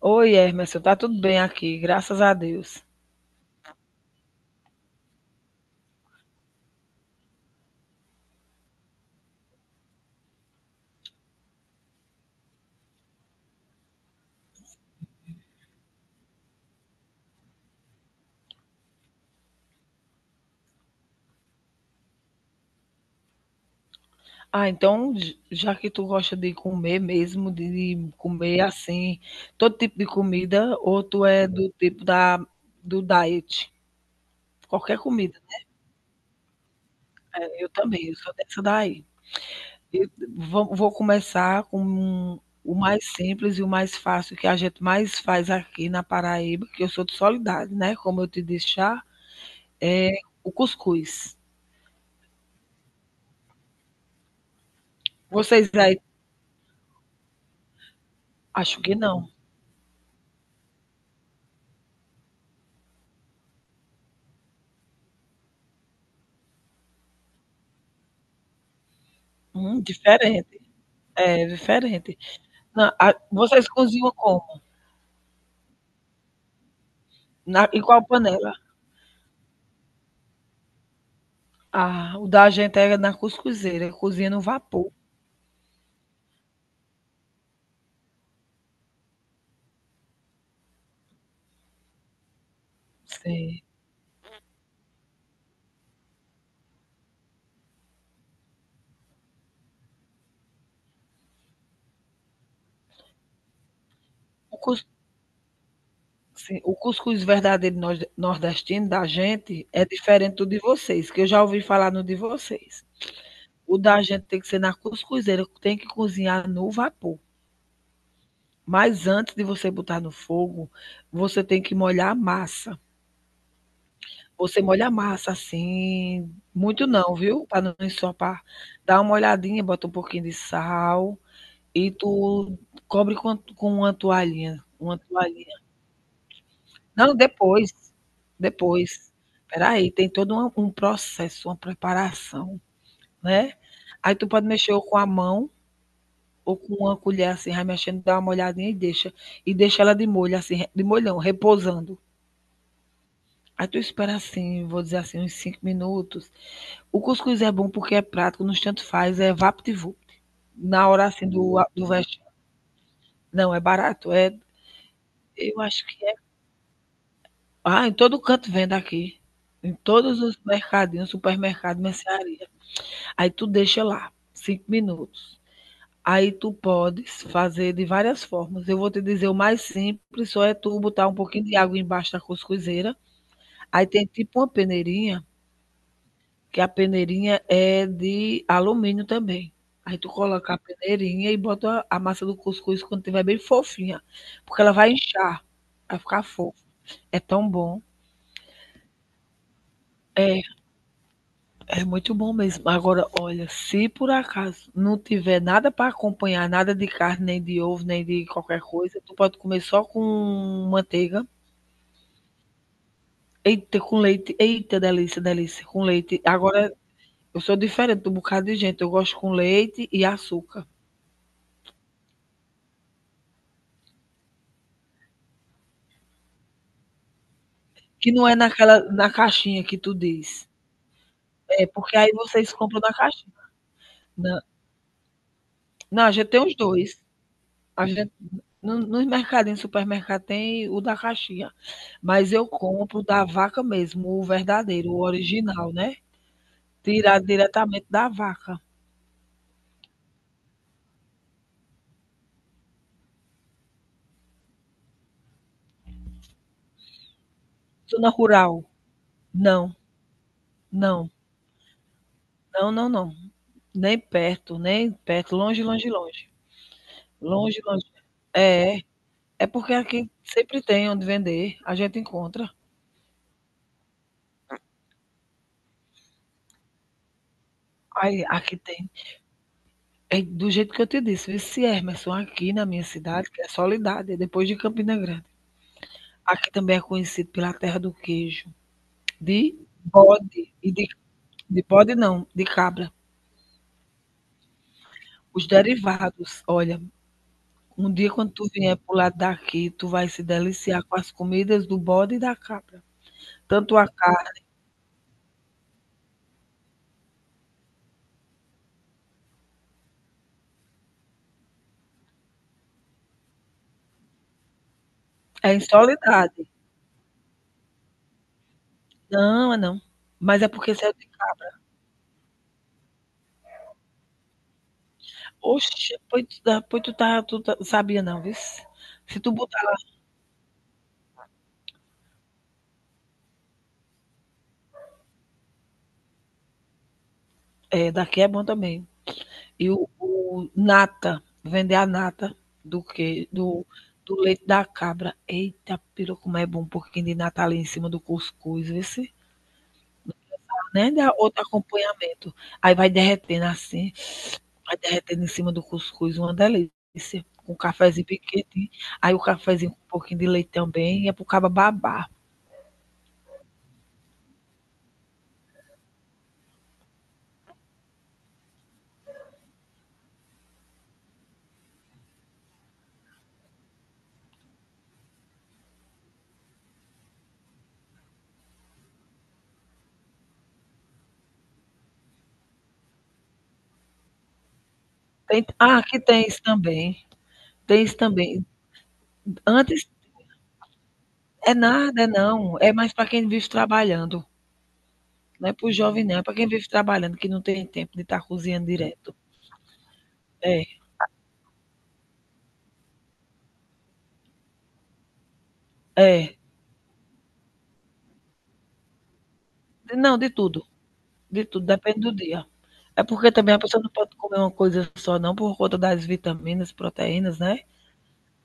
Oi, Emerson, tá tudo bem aqui, graças a Deus. Já que tu gosta de comer mesmo, de comer assim, todo tipo de comida, ou tu é do tipo da, do diet? Qualquer comida, né? Eu também, eu sou dessa daí. Eu vou começar com o mais simples e o mais fácil que a gente mais faz aqui na Paraíba, que eu sou de Soledade, né? Como eu te disse já, é o cuscuz. Vocês aí, acho que não. Diferente. É diferente. Não, a vocês cozinham como? Na em qual panela? Ah, o da gente era na cuscuzeira, cozinha no vapor. Sim. O cus Sim, o cuscuz verdadeiro nor nordestino da gente é diferente do de vocês, que eu já ouvi falar no de vocês. O da gente tem que ser na cuscuzeira, tem que cozinhar no vapor. Mas antes de você botar no fogo, você tem que molhar a massa. Você molha a massa, assim, muito não, viu, para não ensopar. Dá uma olhadinha, bota um pouquinho de sal e tu cobre com uma toalhinha, não, depois, depois. Espera aí, tem todo uma um processo, uma preparação, né. Aí tu pode mexer ou com a mão ou com uma colher, assim, vai mexendo, dá uma olhadinha e deixa. E deixa ela de molho, assim, de molhão, repousando. Aí tu espera, assim, vou dizer assim, uns 5 minutos. O cuscuz é bom porque é prático, nos tanto faz, é vapt-vupt. Na hora assim do do vesti Não, é barato, é eu acho que é ah, em todo canto vende aqui. Em todos os mercadinhos, supermercado, mercearia. Aí tu deixa lá 5 minutos. Aí tu podes fazer de várias formas. Eu vou te dizer o mais simples, só é tu botar um pouquinho de água embaixo da cuscuzeira, aí tem tipo uma peneirinha, que a peneirinha é de alumínio também. Aí tu coloca a peneirinha e bota a massa do cuscuz quando tiver bem fofinha, porque ela vai inchar, vai ficar fofa. É tão bom. É, é muito bom mesmo. Agora, olha, se por acaso não tiver nada para acompanhar, nada de carne, nem de ovo, nem de qualquer coisa, tu pode comer só com manteiga. Eita, com leite. Eita, delícia, delícia. Com leite. Agora, eu sou diferente do bocado de gente. Eu gosto com leite e açúcar. Que não é naquela na caixinha que tu diz. É porque aí vocês compram na caixinha. Não. Não, a gente tem os dois. A gente, nos mercadinhos, supermercado tem o da caixinha. Mas eu compro da vaca mesmo, o verdadeiro, o original, né? Tirado diretamente da vaca. Zona rural. Não, não, não, não, não. Nem perto, nem perto. Longe, longe, longe. Longe, longe. É, é porque aqui sempre tem onde vender. A gente encontra. Aí, aqui tem. É do jeito que eu te disse, vice Emerson, aqui na minha cidade, que é Soledade, é depois de Campina Grande. Aqui também é conhecido pela terra do queijo, de bode, e de bode não, de cabra. Os derivados, olha, um dia quando tu vier pro lado daqui, tu vai se deliciar com as comidas do bode e da cabra. Tanto a carne, é em Soledade. Não, é não. Mas é porque você é de cá. Oxe, pois tu, sabia não, viu? Se tu botar, é, daqui é bom também. E o nata, vender a nata do que do do leite da cabra. Eita peru, como é bom um pouquinho de nata ali em cima do cuscuz, vice. Né, dá outro acompanhamento. Aí vai derretendo assim, vai derretendo em cima do cuscuz, uma delícia. Com um cafezinho bem Aí o cafezinho com um pouquinho de leite também, é para o cabra babar. Tem, ah, aqui tem isso também, tem isso também. Antes é nada, é Não, é mais para quem vive trabalhando. Não é para o jovem, não. É para quem vive trabalhando, que não tem tempo de estar cozinhando direto. É, é. Não, de tudo. De tudo, depende do dia. É porque também a pessoa não pode comer uma coisa só, não, por conta das vitaminas, proteínas, né?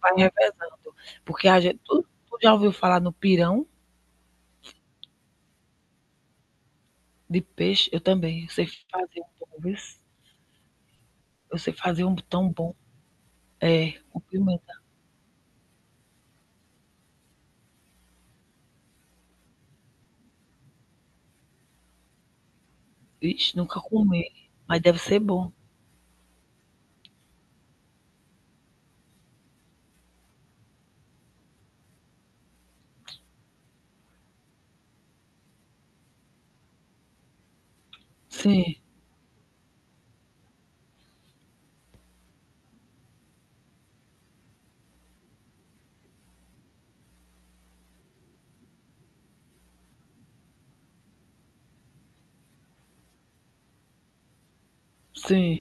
Vai revezando. Porque a gente. Tu, tu já ouviu falar no pirão de peixe? Eu também. Eu sei fazer um bom, viu? Eu sei fazer um tão bom. É, com pimenta. Ixi, nunca comi. Mas deve ser bom. Sim, sim.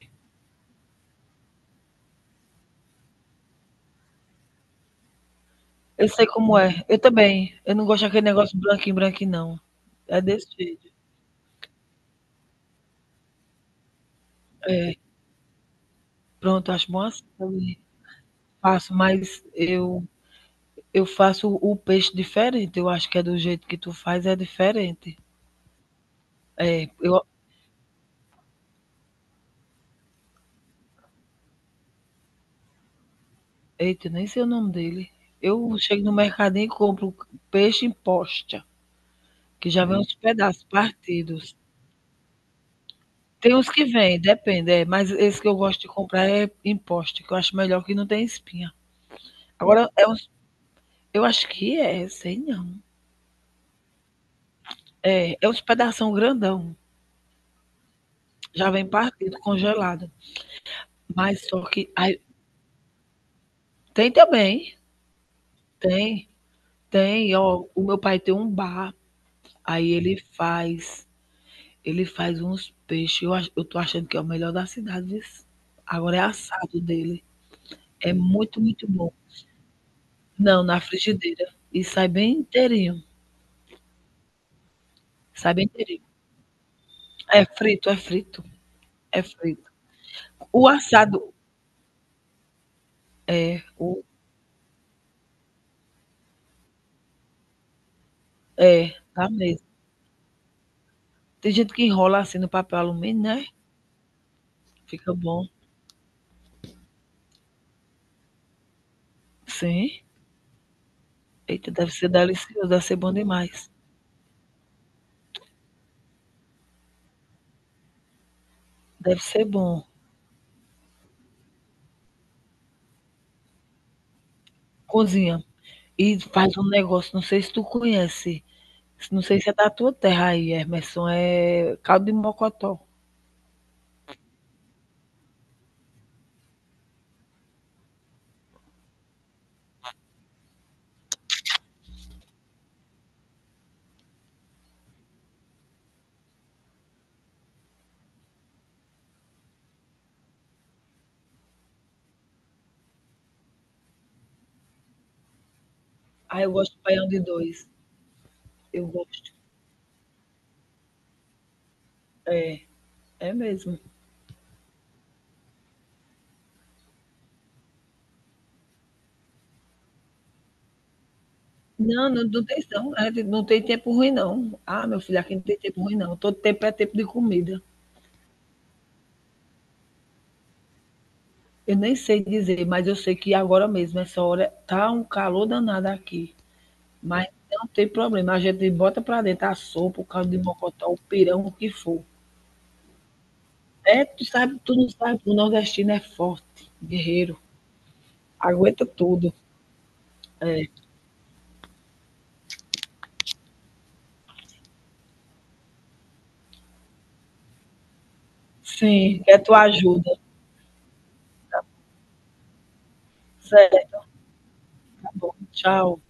Eu sei como é. Eu também. Eu não gosto daquele negócio branquinho, branquinho, não. É desse jeito. Pronto, acho bom assim também. Faço, mas eu faço o peixe diferente. Eu acho que é do jeito que tu faz, é diferente. É, eu, eita, nem sei o nome dele. Eu chego no mercadinho e compro peixe em posta, que já vem uns pedaços partidos. Tem uns que vêm, depende, é, mas esse que eu gosto de comprar é em posta, que eu acho melhor que não tem espinha. Agora, é uns, eu acho que é, sei não. É, é uns pedação grandão. Já vem partido, congelado. Mas só que. Aí, tem também. Tem. Tem. Ó, o meu pai tem um bar. Aí ele faz. Ele faz uns peixes. Eu tô achando que é o melhor da cidade, viu? Agora é assado dele. É muito, muito bom. Não, na frigideira. E sai bem inteirinho. Sai bem inteirinho. É frito, é frito. É frito. O assado é. O, é, tá mesmo. Tem gente que enrola assim no papel alumínio, né? Fica bom. Sim. Eita, deve ser delicioso, deve ser bom demais. Deve ser bom. Cozinha. E faz um negócio, não sei se tu conhece, não sei se é da tua terra aí, Emerson, é caldo de mocotó. Ah, eu gosto de baião de dois. Eu gosto. É, é mesmo. Não, não, não tem não. É, não tem tempo ruim, não. Ah, meu filho, aqui não tem tempo ruim, não. Todo tempo é tempo de comida. Eu nem sei dizer, mas eu sei que agora mesmo, essa hora, tá um calor danado aqui. Mas não tem problema, a gente bota pra dentro a sopa, o caldo de mocotó, o pirão, o que for. É, tu sabe, tu não sabe, o nordestino é forte, guerreiro, aguenta tudo. É. Sim, quer tua ajuda. Certo, tá bom, tchau.